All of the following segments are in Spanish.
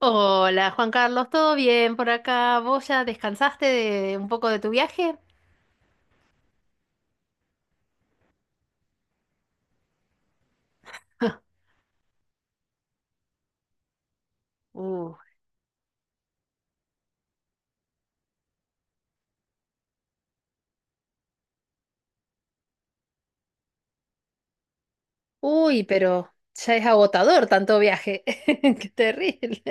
Hola Juan Carlos, ¿todo bien por acá? ¿Vos ya descansaste de un poco de tu viaje? Uh, Uy, pero ya es agotador tanto viaje. Qué terrible.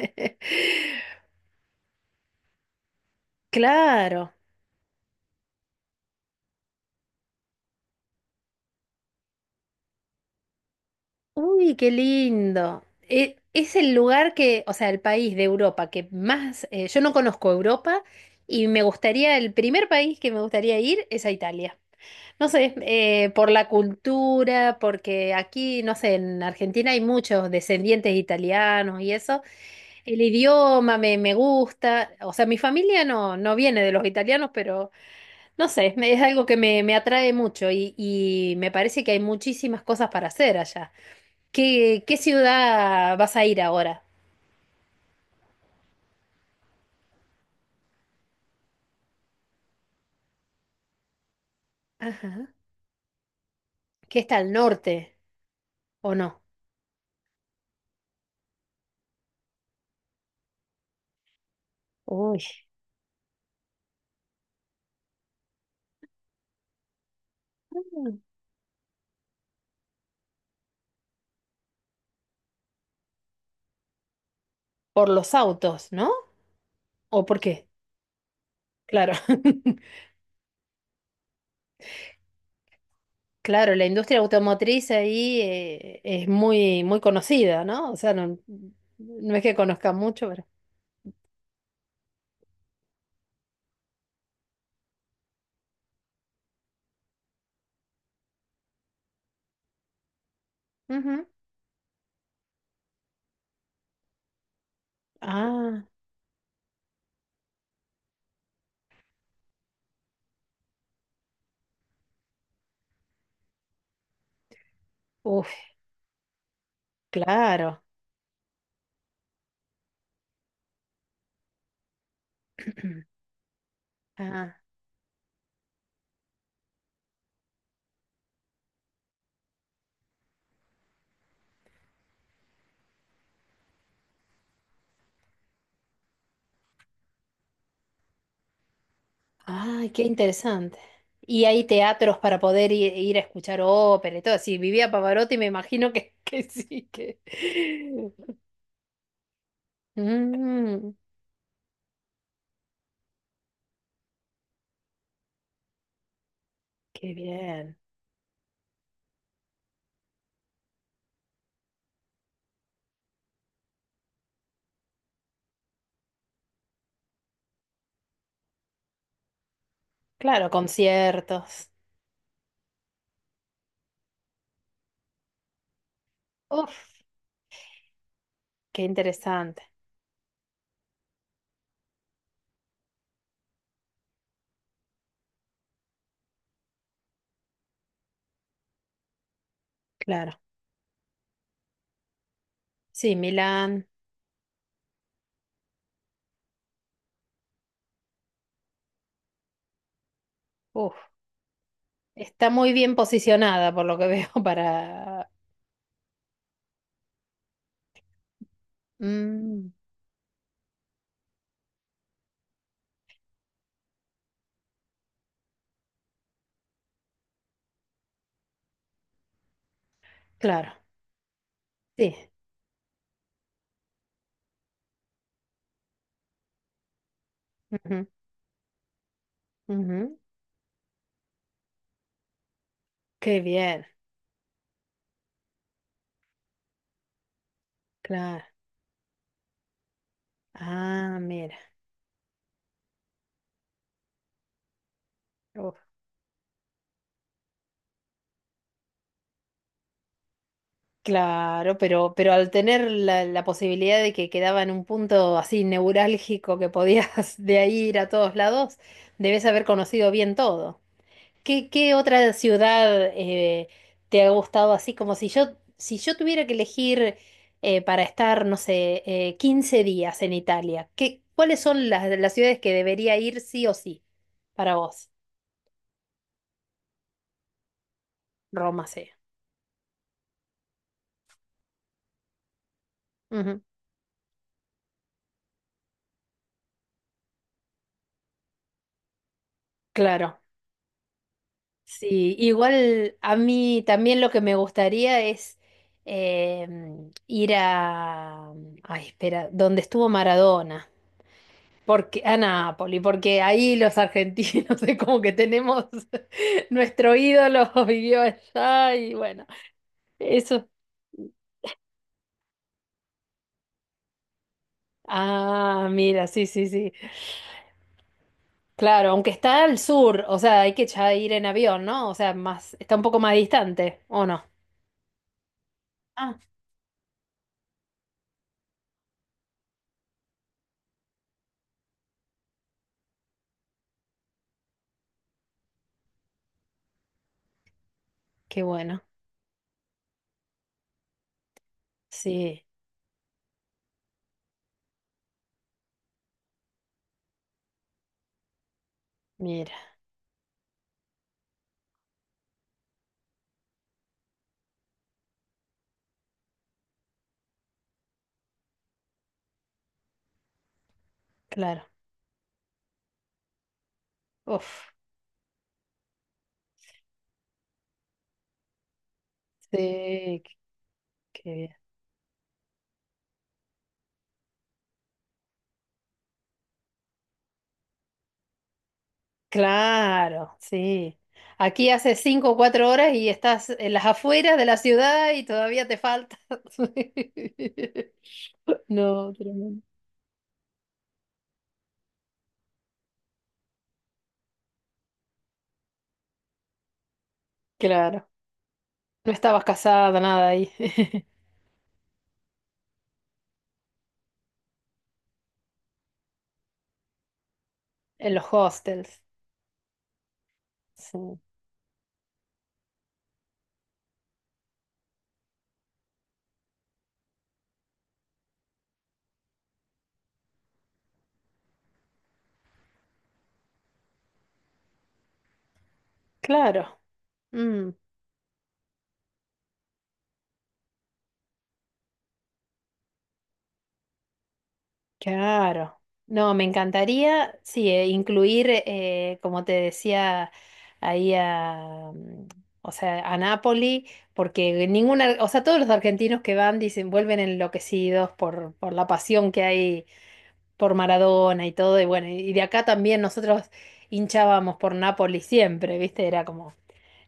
Claro. Uy, qué lindo. Es el lugar que, o sea, el país de Europa que más yo no conozco Europa y me gustaría, el primer país que me gustaría ir es a Italia. No sé, por la cultura, porque aquí, no sé, en Argentina hay muchos descendientes italianos y eso. El idioma me gusta. O sea, mi familia no viene de los italianos, pero no sé, es algo que me atrae mucho y me parece que hay muchísimas cosas para hacer allá. ¿Qué ciudad vas a ir ahora? Ajá. ¿Qué está al norte o no? Uy. Por los autos, ¿no? ¿O por qué? Claro. Claro, la industria automotriz ahí es muy, muy conocida, ¿no? O sea, no, no es que conozca mucho, pero. Ujú. Ah, uff, claro. Ah, ay, qué interesante. Y hay teatros para poder ir, ir a escuchar ópera y todo. Si vivía Pavarotti, me imagino que, que sí, que. Mm, qué bien. Claro, conciertos. Uf, qué interesante. Claro. Sí, Milán. Uf. Está muy bien posicionada, por lo que veo, para... Mm, claro, sí. Ujú, ujú. Qué bien, claro. Ah, mira. Uf. Claro, pero al tener la, la posibilidad de que quedaba en un punto así neurálgico que podías de ahí ir a todos lados, debes haber conocido bien todo. ¿Qué otra ciudad te ha gustado así? Como si yo, si yo tuviera que elegir para estar, no sé, 15 días en Italia, ¿cuáles son las ciudades que debería ir sí o sí para vos? Roma, sí. Ujú, claro. Sí, igual a mí también lo que me gustaría es ir a... Ay, espera, donde estuvo Maradona. Porque, a Nápoli, porque ahí los argentinos es como que tenemos nuestro ídolo vivió allá y bueno, eso. Ah, mira, sí, sí, sí. Claro, aunque está al sur, o sea, hay que ya ir en avión, ¿no? O sea, más, está un poco más distante, ¿o no? Ah, qué bueno. Sí, mira, claro. Uf, sí, qué bien. Claro, sí. Aquí hace cinco o cuatro horas y estás en las afueras de la ciudad y todavía te falta. No, tremendo. Claro. No estabas casada, nada ahí. En los hostels. Sí. Claro. Mm. Claro. No, me encantaría, sí, incluir, como te decía, ahí a, mm, o sea, a Nápoli, porque ninguna, o sea, todos los argentinos que van dicen, vuelven enloquecidos por la pasión que hay por Maradona y todo, y bueno, y de acá también nosotros hinchábamos por Nápoli siempre, ¿viste? Era como,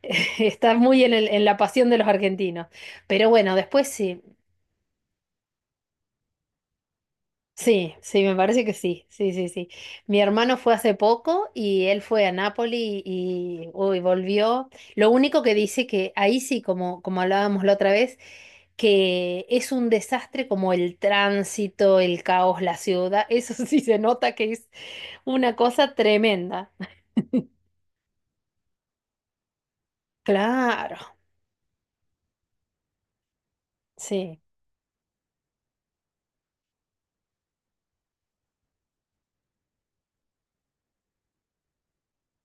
está muy en en la pasión de los argentinos. Pero bueno, después sí. Sí, sí, me parece que sí, sí, sí, sí. Mi hermano fue hace poco y él fue a Nápoli y uy, volvió. Lo único que dice que ahí sí, como, como hablábamos la otra vez, que es un desastre como el tránsito, el caos, la ciudad. Eso sí se nota que es una cosa tremenda. Claro, sí,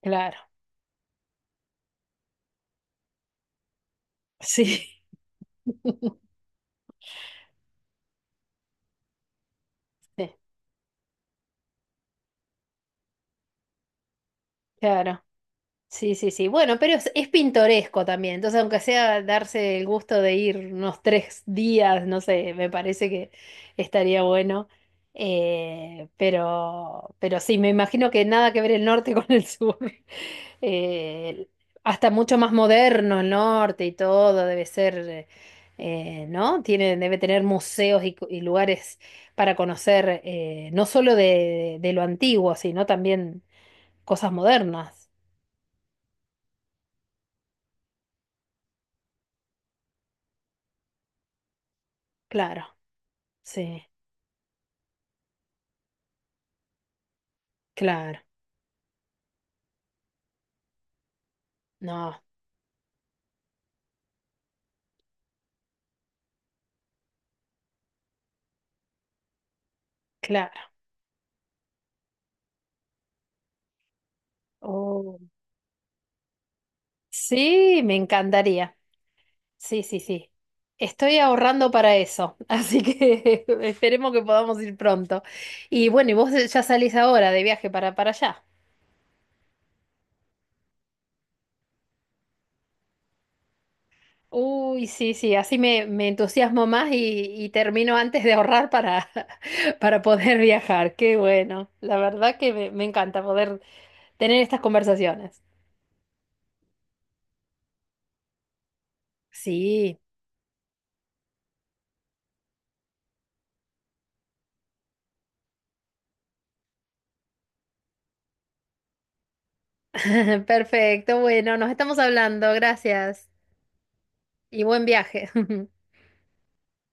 claro, sí, sí, claro. Sí, sí, sí. Bueno, pero es pintoresco también. Entonces, aunque sea darse el gusto de ir unos tres días, no sé, me parece que estaría bueno. Pero sí, me imagino que nada que ver el norte con el sur. Eh, Hasta mucho más moderno el norte y todo, debe ser, ¿no? Tiene, debe tener museos y, y lugares para conocer, no solo de lo antiguo, sino también cosas modernas. Claro. Sí, claro, no, claro. Oh, sí, me encantaría. Sí, sí, sí. Estoy ahorrando para eso, así que esperemos que podamos ir pronto. Y bueno, y vos ya salís ahora de viaje para allá. Uy, sí, sí, así me, me entusiasmo más y termino antes de ahorrar para, para poder viajar. Qué bueno, la verdad que me encanta poder tener estas conversaciones. Sí. Perfecto, bueno, nos estamos hablando, gracias y buen viaje.